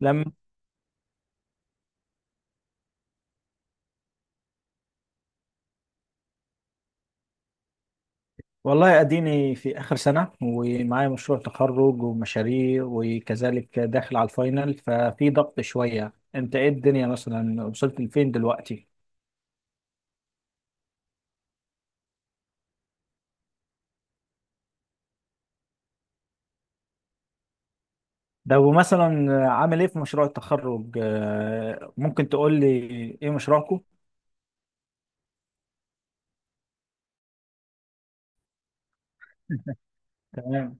لم. والله اديني في اخر سنه ومعايا مشروع تخرج ومشاريع وكذلك داخل على الفاينل ففي ضغط شويه. انت ايه الدنيا مثلا، وصلت لفين دلوقتي؟ لو مثلا عامل ايه في مشروع التخرج، ممكن تقول لي ايه مشروعكم؟ تمام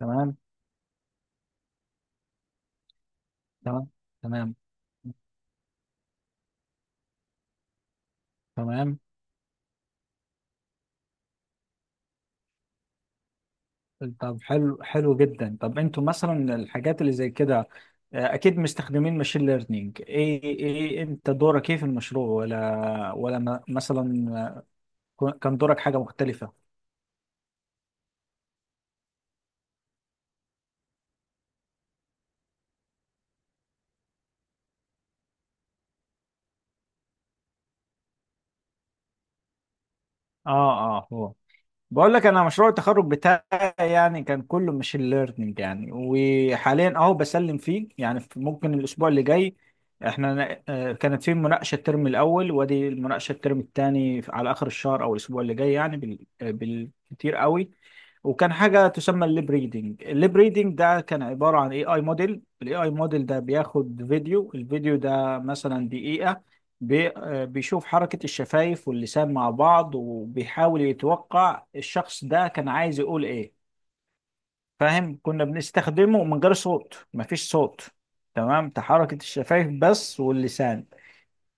تمام تمام تمام تمام. طب حلو، حلو جدا. طب انتوا مثلا الحاجات اللي زي كده، اكيد مستخدمين ماشين ليرنينج. ايه ايه انت دورك ايه في المشروع، ولا مثلا كان دورك حاجة مختلفة؟ اه اه. هو بقول لك انا مشروع التخرج بتاعي يعني كان كله ماشين ليرنينج يعني، وحاليا اهو بسلم فيه يعني. ممكن الاسبوع اللي جاي احنا كانت في مناقشه الترم الاول، وادي المناقشه الترم الثاني على اخر الشهر او الاسبوع اللي جاي يعني، بالكتير قوي. وكان حاجه تسمى الليب ريدنج. الليب ريدنج ده كان عباره عن اي اي موديل. الاي اي موديل ده بياخد فيديو، الفيديو ده مثلا دقيقه. بي آه، بيشوف حركة الشفايف واللسان مع بعض، وبيحاول يتوقع الشخص ده كان عايز يقول ايه. فاهم؟ كنا بنستخدمه من غير صوت، مفيش صوت. تمام. تحركة الشفايف بس واللسان.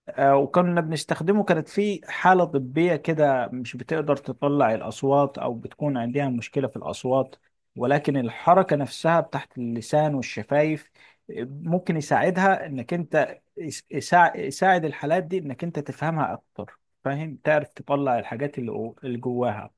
وكنا بنستخدمه، كانت في حالة طبية كده مش بتقدر تطلع الأصوات أو بتكون عندها مشكلة في الأصوات، ولكن الحركة نفسها بتاعت اللسان والشفايف ممكن يساعدها، إنك أنت يساعد الحالات دي إنك أنت تفهمها أكتر. فاهم؟ تعرف تطلع الحاجات اللي جواها.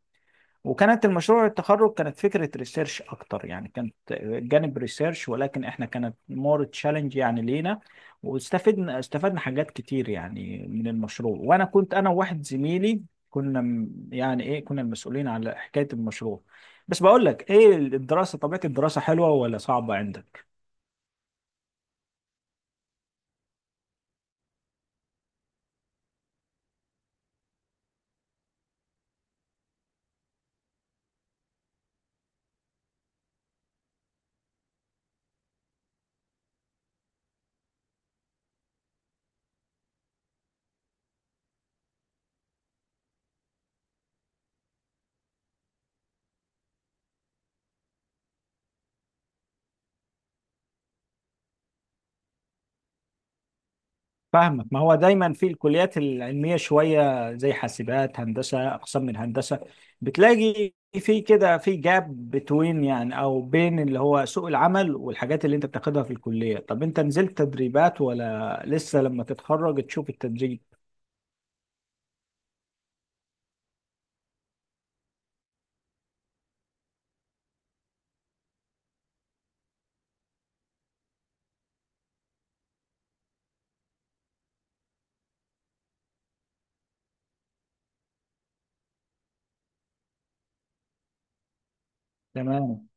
وكانت المشروع التخرج كانت فكرة ريسيرش أكتر يعني، كانت جانب ريسيرش، ولكن إحنا كانت مور تشالنج يعني لينا. واستفدنا حاجات كتير يعني من المشروع. وأنا كنت أنا وواحد زميلي كنا م- يعني إيه كنا المسؤولين على حكاية المشروع. بس بقول لك إيه، الدراسة طبيعة الدراسة حلوة ولا صعبة عندك؟ فاهمك. ما هو دايما في الكليات العلميه شويه زي حاسبات هندسه، اقسام من هندسه، بتلاقي في جاب بتوين يعني، او بين اللي هو سوق العمل والحاجات اللي انت بتاخدها في الكليه. طب انت نزلت تدريبات، ولا لسه لما تتخرج تشوف التدريب؟ تمام.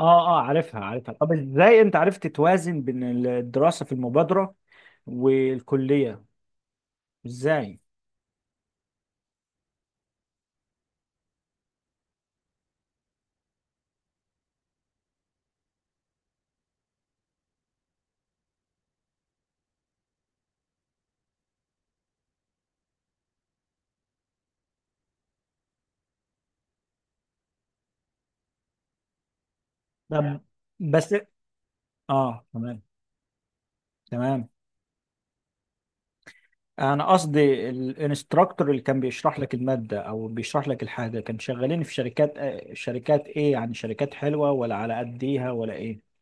اه اه، عارفها عارفها. طب ازاي انت عرفت توازن بين الدراسه في المبادره والكليه؟ ازاي؟ طب. بس اه، تمام تمام. انا قصدي الانستراكتور اللي كان بيشرح لك الماده او بيشرح لك الحاجه، كان شغالين في شركات، شركات ايه يعني؟ شركات حلوه ولا على قد ايها ولا ايه؟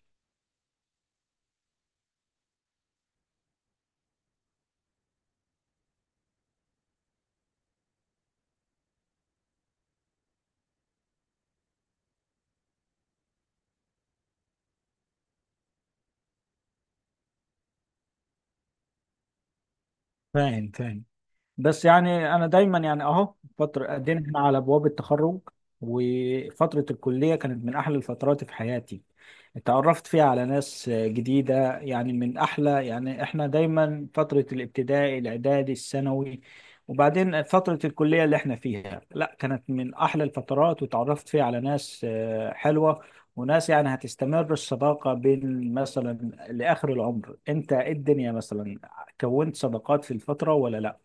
فاهم فاهم. بس يعني انا دايما يعني اهو فتره قدينا، احنا على ابواب التخرج. وفتره الكليه كانت من احلى الفترات في حياتي، اتعرفت فيها على ناس جديده. يعني من احلى، يعني احنا دايما فتره الابتدائي، الاعدادي، الثانوي، وبعدين فتره الكليه اللي احنا فيها، لا كانت من احلى الفترات. وتعرفت فيها على ناس حلوه، وناس يعني هتستمر الصداقه بين مثلا لاخر العمر. انت إيه الدنيا مثلا، كونت صداقات في الفتره ولا لا؟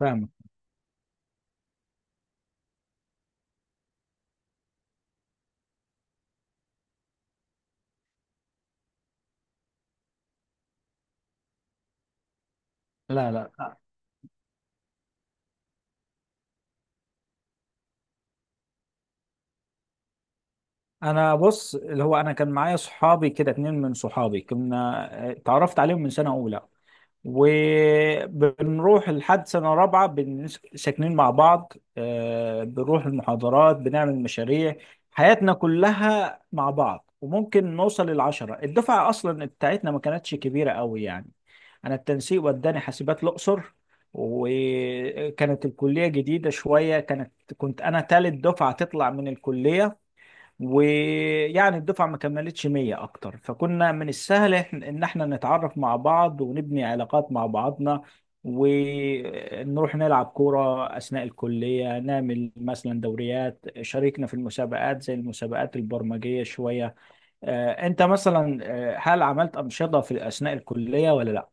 فاهمك. لا لا. انا بص، اللي هو انا كان معايا صحابي كده، اتنين من صحابي كنا، اتعرفت عليهم من سنة اولى، وبنروح لحد سنة رابعة. ساكنين مع بعض، بنروح المحاضرات، بنعمل مشاريع، حياتنا كلها مع بعض. وممكن نوصل للعشرة، الدفعة اصلا بتاعتنا ما كانتش كبيرة قوي يعني. انا التنسيق وداني حاسبات الاقصر، وكانت الكلية جديدة شوية، كانت، كنت انا تالت دفعة تطلع من الكلية. ويعني الدفعة ما كملتش 100 أكتر، فكنا من السهل إن إحنا نتعرف مع بعض ونبني علاقات مع بعضنا، ونروح نلعب كورة أثناء الكلية، نعمل مثلا دوريات، شاركنا في المسابقات زي المسابقات البرمجية شوية. أنت مثلا هل عملت أنشطة في أثناء الكلية ولا لأ؟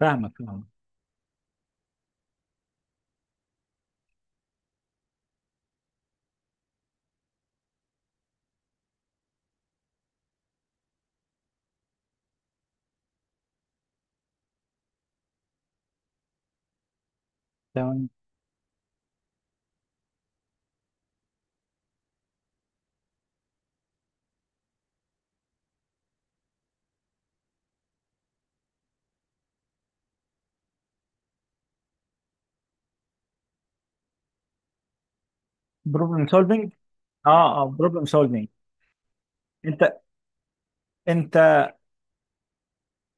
فاهمك فاهمك. تمام. بروبلم سولفينج. اه اه، بروبلم سولفينج. انت، انت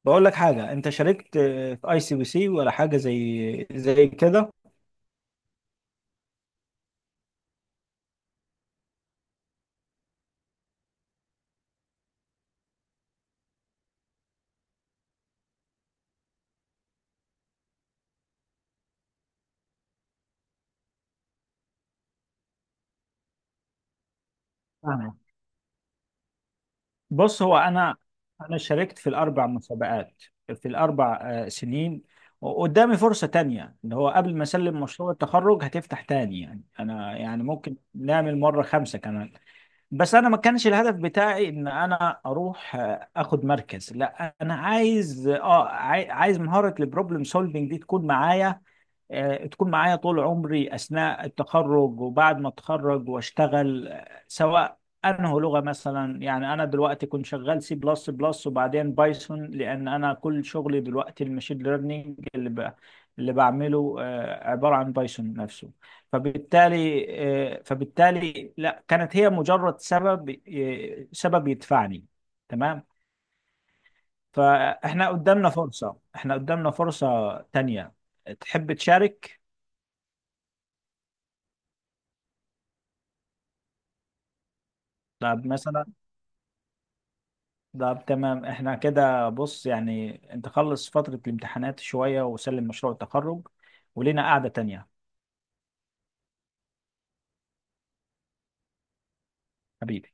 بقول لك حاجة، انت شاركت في اي سي بي سي ولا حاجة زي كده؟ فاهمك. بص، هو انا، انا شاركت في الاربع مسابقات، في الاربع سنين. وقدامي فرصة تانية، اللي هو قبل ما اسلم مشروع التخرج هتفتح تاني يعني، انا يعني ممكن نعمل مرة خمسة كمان. بس انا ما كانش الهدف بتاعي ان انا اروح اخد مركز، لا انا عايز، اه عايز مهارة البروبلم سولفنج دي تكون معايا، تكون معايا طول عمري أثناء التخرج وبعد ما أتخرج وأشتغل، سواء أنه لغة مثلا. يعني أنا دلوقتي كنت شغال سي بلس بلس وبعدين بايثون، لأن أنا كل شغلي دلوقتي المشين ليرنينج اللي بعمله عبارة عن بايثون نفسه. فبالتالي فبالتالي لا، كانت هي مجرد سبب، سبب يدفعني. تمام. فإحنا قدامنا فرصة، إحنا قدامنا فرصة تانية، تحب تشارك؟ طب مثلا، طب تمام. احنا كده بص يعني، انت خلص فترة الامتحانات شوية وسلم مشروع التخرج، ولينا قعدة تانية. حبيبي.